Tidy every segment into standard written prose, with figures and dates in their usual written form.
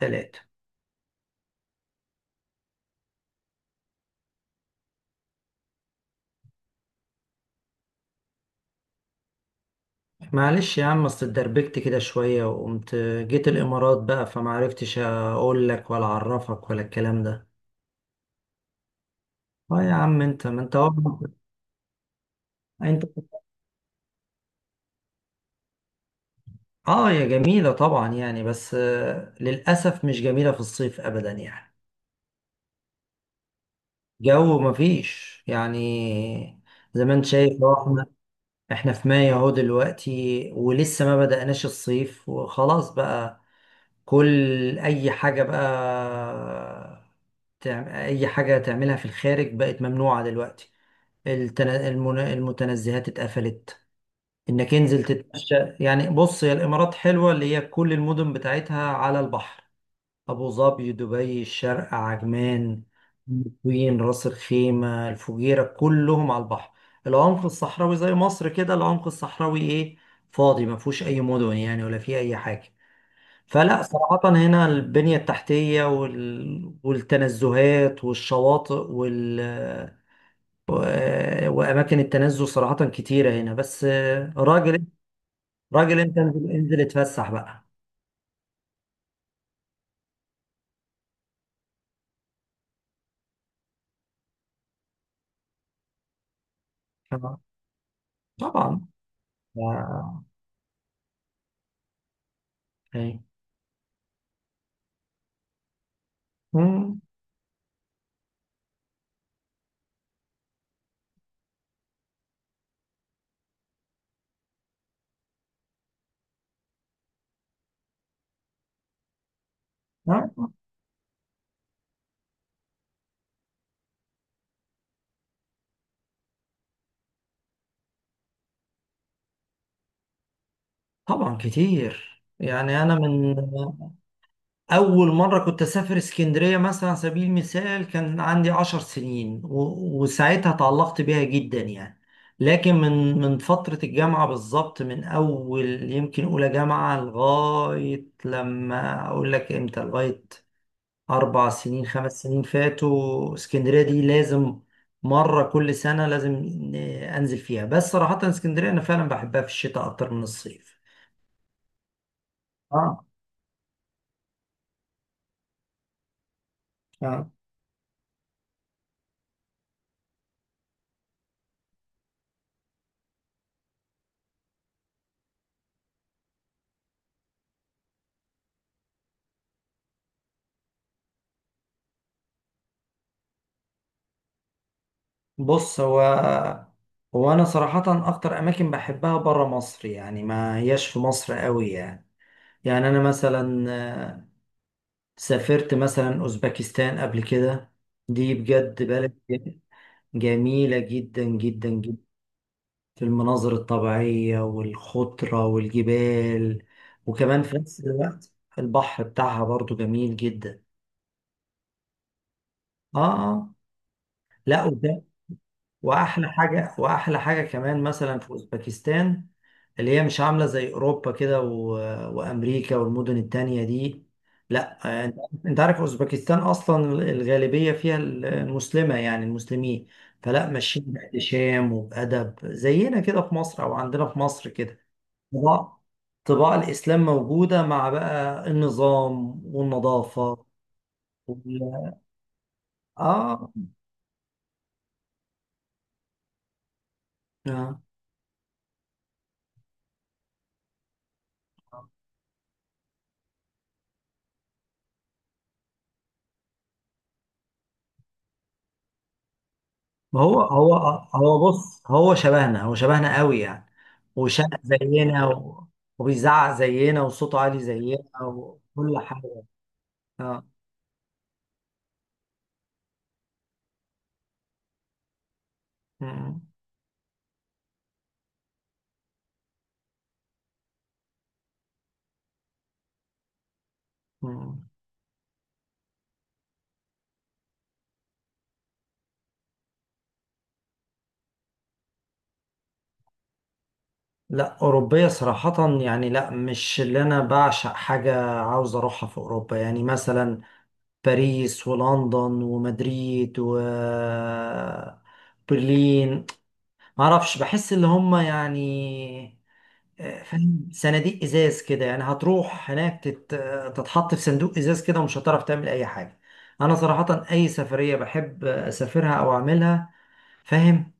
تلاتة. معلش يا عم، اصل اتدربكت كده شوية وقمت جيت الإمارات بقى، فمعرفتش أقول لك ولا أعرفك ولا الكلام ده. اه يا عم، انت ما انت انت. اه، يا جميلة طبعا يعني، بس للأسف مش جميلة في الصيف أبدا يعني. جو مفيش يعني، زي ما انت شايف اهو، احنا في مايو اهو دلوقتي، ولسه ما بدأناش الصيف وخلاص بقى. كل أي حاجة بقى، اي حاجه تعملها في الخارج بقت ممنوعه دلوقتي. المتنزهات اتقفلت، انك انزل تتمشى يعني. بص، هي الامارات حلوه، اللي هي كل المدن بتاعتها على البحر. ابو ظبي، دبي، الشارقه، عجمان، الطين، راس الخيمه، الفجيره، كلهم على البحر. العمق الصحراوي زي مصر كده، العمق الصحراوي ايه، فاضي، ما فيهوش اي مدن يعني ولا فيه اي حاجه. فلا صراحة هنا البنية التحتية والتنزهات والشواطئ و... وأماكن التنزه صراحة كتيرة هنا. بس راجل، راجل أنت، انزل انزل اتفسح بقى. آه، طبعا. ف- إيه. مم. آه، طبعا كتير يعني. أنا من أول مرة كنت أسافر اسكندرية مثلا على سبيل المثال، كان عندي 10 سنين وساعتها تعلقت بيها جدا يعني. لكن من فترة الجامعة بالظبط، من أول يمكن أولى جامعة، لغاية لما أقول لك إمتى، لغاية 4 سنين 5 سنين فاتوا، اسكندرية دي لازم مرة كل سنة، لازم أنزل فيها. بس صراحة اسكندرية أنا فعلا بحبها في الشتاء أكتر من الصيف. آه، آه. بص، هو انا صراحة اكتر اماكن بحبها برا مصر، يعني ما هياش في مصر قوي يعني. يعني انا مثلا آه، سافرت مثلا اوزبكستان قبل كده، دي بجد بلد جميلة جدا جدا جدا، في المناظر الطبيعية والخضرة والجبال، وكمان في نفس الوقت البحر بتاعها برضو جميل جدا. اه، اه، لا. واحلى حاجه كمان مثلا في اوزبكستان، اللي هي مش عامله زي اوروبا كده وامريكا والمدن التانية دي. لا انت، أنت عارف اوزبكستان اصلا الغالبيه فيها المسلمه، يعني المسلمين، فلا ماشيين باحتشام وبادب زينا كده في مصر، او عندنا في مصر كده. طباع طباع الاسلام موجوده، مع بقى النظام والنظافه وال... اه. آه. ما هو بص، هو شبهنا، هو شبهنا قوي يعني، وشقى زينا وبيزعق زينا وصوته عالي زينا وكل حاجة. اه. مم. مم. لا، أوروبية صراحة يعني، لا، مش اللي أنا بعشق حاجة عاوز أروحها في أوروبا، يعني مثلا باريس ولندن ومدريد وبرلين، معرفش، بحس اللي هم يعني، فاهم، صناديق ازاز كده يعني، هتروح هناك تتحط في صندوق ازاز كده، ومش هتعرف تعمل اي حاجه. انا صراحه اي سفريه بحب اسافرها او اعملها، فاهم،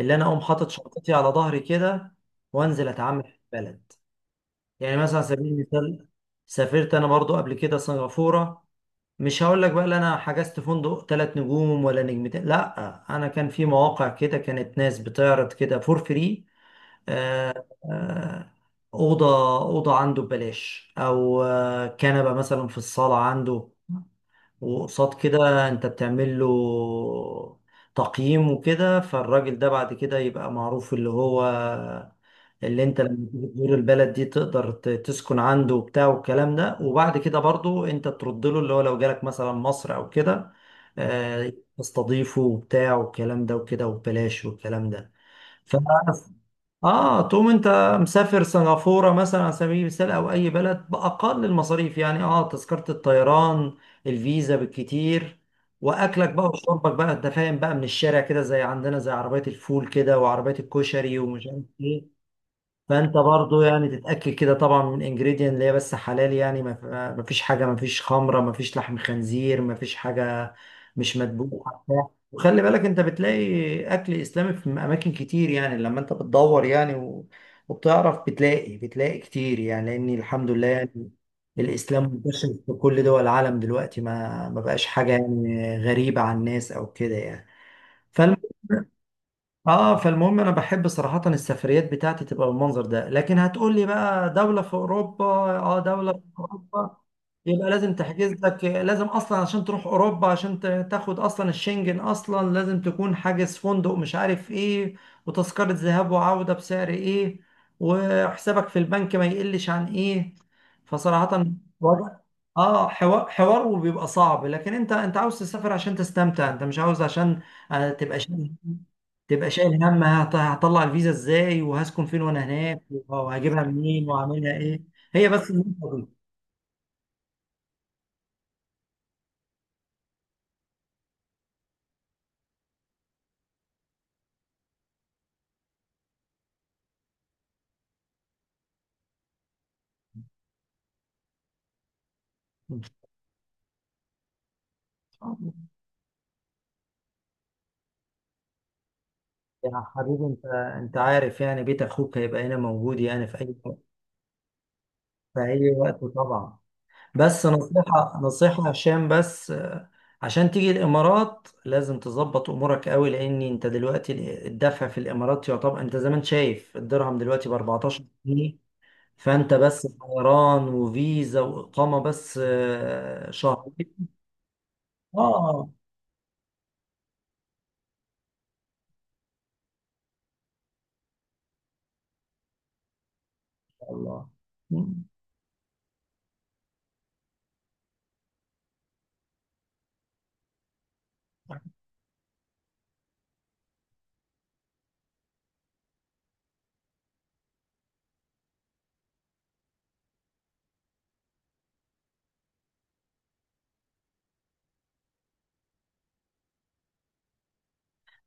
اللي انا اقوم حاطط شنطتي على ظهري كده، وانزل اتعامل في البلد. يعني مثلا على سبيل المثال سافرت انا برضو قبل كده سنغافوره، مش هقول لك بقى لا انا حجزت فندق 3 نجوم ولا نجمتين، لا انا كان في مواقع كده كانت ناس بتعرض كده فور فري، آه، آه، أوضة أوضة عنده ببلاش، أو كنبة مثلا في الصالة عنده، وقصاد كده أنت بتعمل له تقييم وكده، فالراجل ده بعد كده يبقى معروف، اللي هو اللي أنت لما تيجي تزور البلد دي تقدر تسكن عنده وبتاع والكلام ده، وبعد كده برضو أنت ترد له، اللي هو لو جالك مثلا مصر أو كده تستضيفه وبتاع والكلام ده وكده، وببلاش والكلام ده. ف- اه، تقوم انت مسافر سنغافورة مثلا على سبيل المثال، او اي بلد باقل المصاريف، يعني اه تذكرة الطيران، الفيزا بالكتير، واكلك بقى وشربك بقى، انت فاهم، بقى من الشارع كده زي عندنا، زي عربية الفول كده وعربية الكشري ومش عارف ايه. فانت برضو يعني تتاكد كده طبعا من انجريدينت اللي هي بس حلال، يعني ما فيش حاجه، ما فيش خمره، ما فيش لحم خنزير، ما فيش حاجه مش مدبوحه بتاع. وخلي بالك انت بتلاقي اكل اسلامي في اماكن كتير يعني، لما انت بتدور يعني وبتعرف بتلاقي كتير يعني، لان الحمد لله يعني الاسلام منتشر في كل دول العالم دلوقتي، ما بقاش حاجه يعني غريبه عن الناس او كده يعني. اه، فالمهم انا بحب صراحة السفريات بتاعتي تبقى بالمنظر ده. لكن هتقول لي بقى دولة في اوروبا، اه دولة في اوروبا يبقى لازم تحجز لك، لازم اصلا عشان تروح اوروبا عشان تاخد اصلا الشنجن، اصلا لازم تكون حاجز فندق مش عارف ايه، وتذكرة ذهاب وعودة بسعر ايه، وحسابك في البنك ما يقلش عن ايه. فصراحة وضع، اه حوار حوار، وبيبقى صعب. لكن انت عاوز تسافر عشان تستمتع، انت مش عاوز عشان آه، تبقى شايل تبقى شايل هم هطلع الفيزا ازاي، وهسكن فين، وانا هناك وهجيبها منين، وهعملها ايه. هي بس النقطة دي. يا حبيبي، انت عارف يعني بيت اخوك هيبقى هنا موجود يعني في اي وقت طبعا. بس نصيحة نصيحة عشان بس عشان تيجي الامارات لازم تظبط امورك قوي. لان انت دلوقتي الدفع في الامارات يعتبر، انت زي ما انت شايف الدرهم دلوقتي ب 14. فانت بس طيران وفيزا واقامه بس شهرين. اه. الله. مم.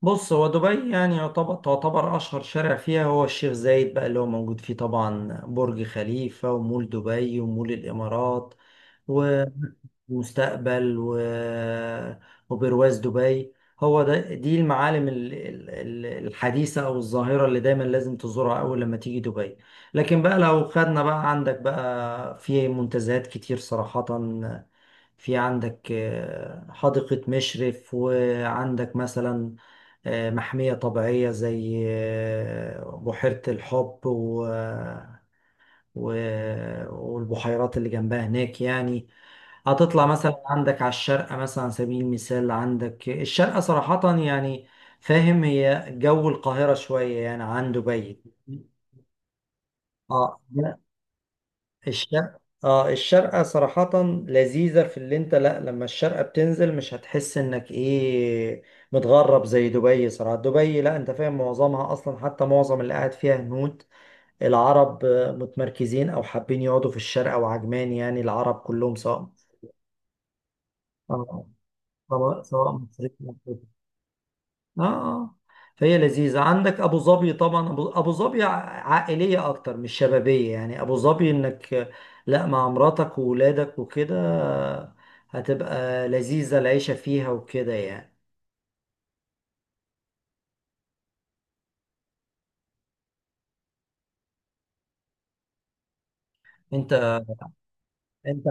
بص، هو دبي يعني تعتبر اشهر شارع فيها هو الشيخ زايد بقى، اللي هو موجود فيه طبعا برج خليفه، ومول دبي، ومول الامارات، ومستقبل وبرواز دبي. هو ده، دي المعالم الحديثة أو الظاهرة اللي دايما لازم تزورها أول لما تيجي دبي. لكن بقى لو خدنا بقى، عندك بقى في منتزهات كتير صراحة، في عندك حديقة مشرف، وعندك مثلا محمية طبيعية زي بحيرة الحب و... والبحيرات اللي جنبها هناك يعني. هتطلع مثلا عندك على الشارقة، مثلا على سبيل المثال، عندك الشارقة صراحة يعني، فاهم، هي جو القاهرة شوية يعني عن دبي. اه، لا، الشرق اه الشرقة صراحة لذيذة في اللي انت، لا، لما الشرقة بتنزل مش هتحس انك ايه، متغرب زي دبي. صراحة دبي، لا انت فاهم، معظمها اصلا، حتى معظم اللي قاعد فيها هنود. العرب متمركزين او حابين يقعدوا في الشرقة وعجمان، يعني العرب كلهم سواء، آه، سواء سواء مصريين. اه، اه، فهي لذيذة. عندك أبو ظبي طبعا، أبو ظبي عائلية أكتر مش شبابية، يعني أبو ظبي إنك لا، مع مراتك وولادك وكده هتبقى لذيذة العيشة فيها وكده يعني. أنت أنت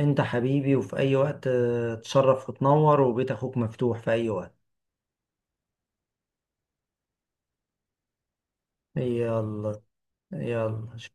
أنت حبيبي، وفي أي وقت تشرف وتنور، وبيت أخوك مفتوح في أي وقت. يلا، يلا.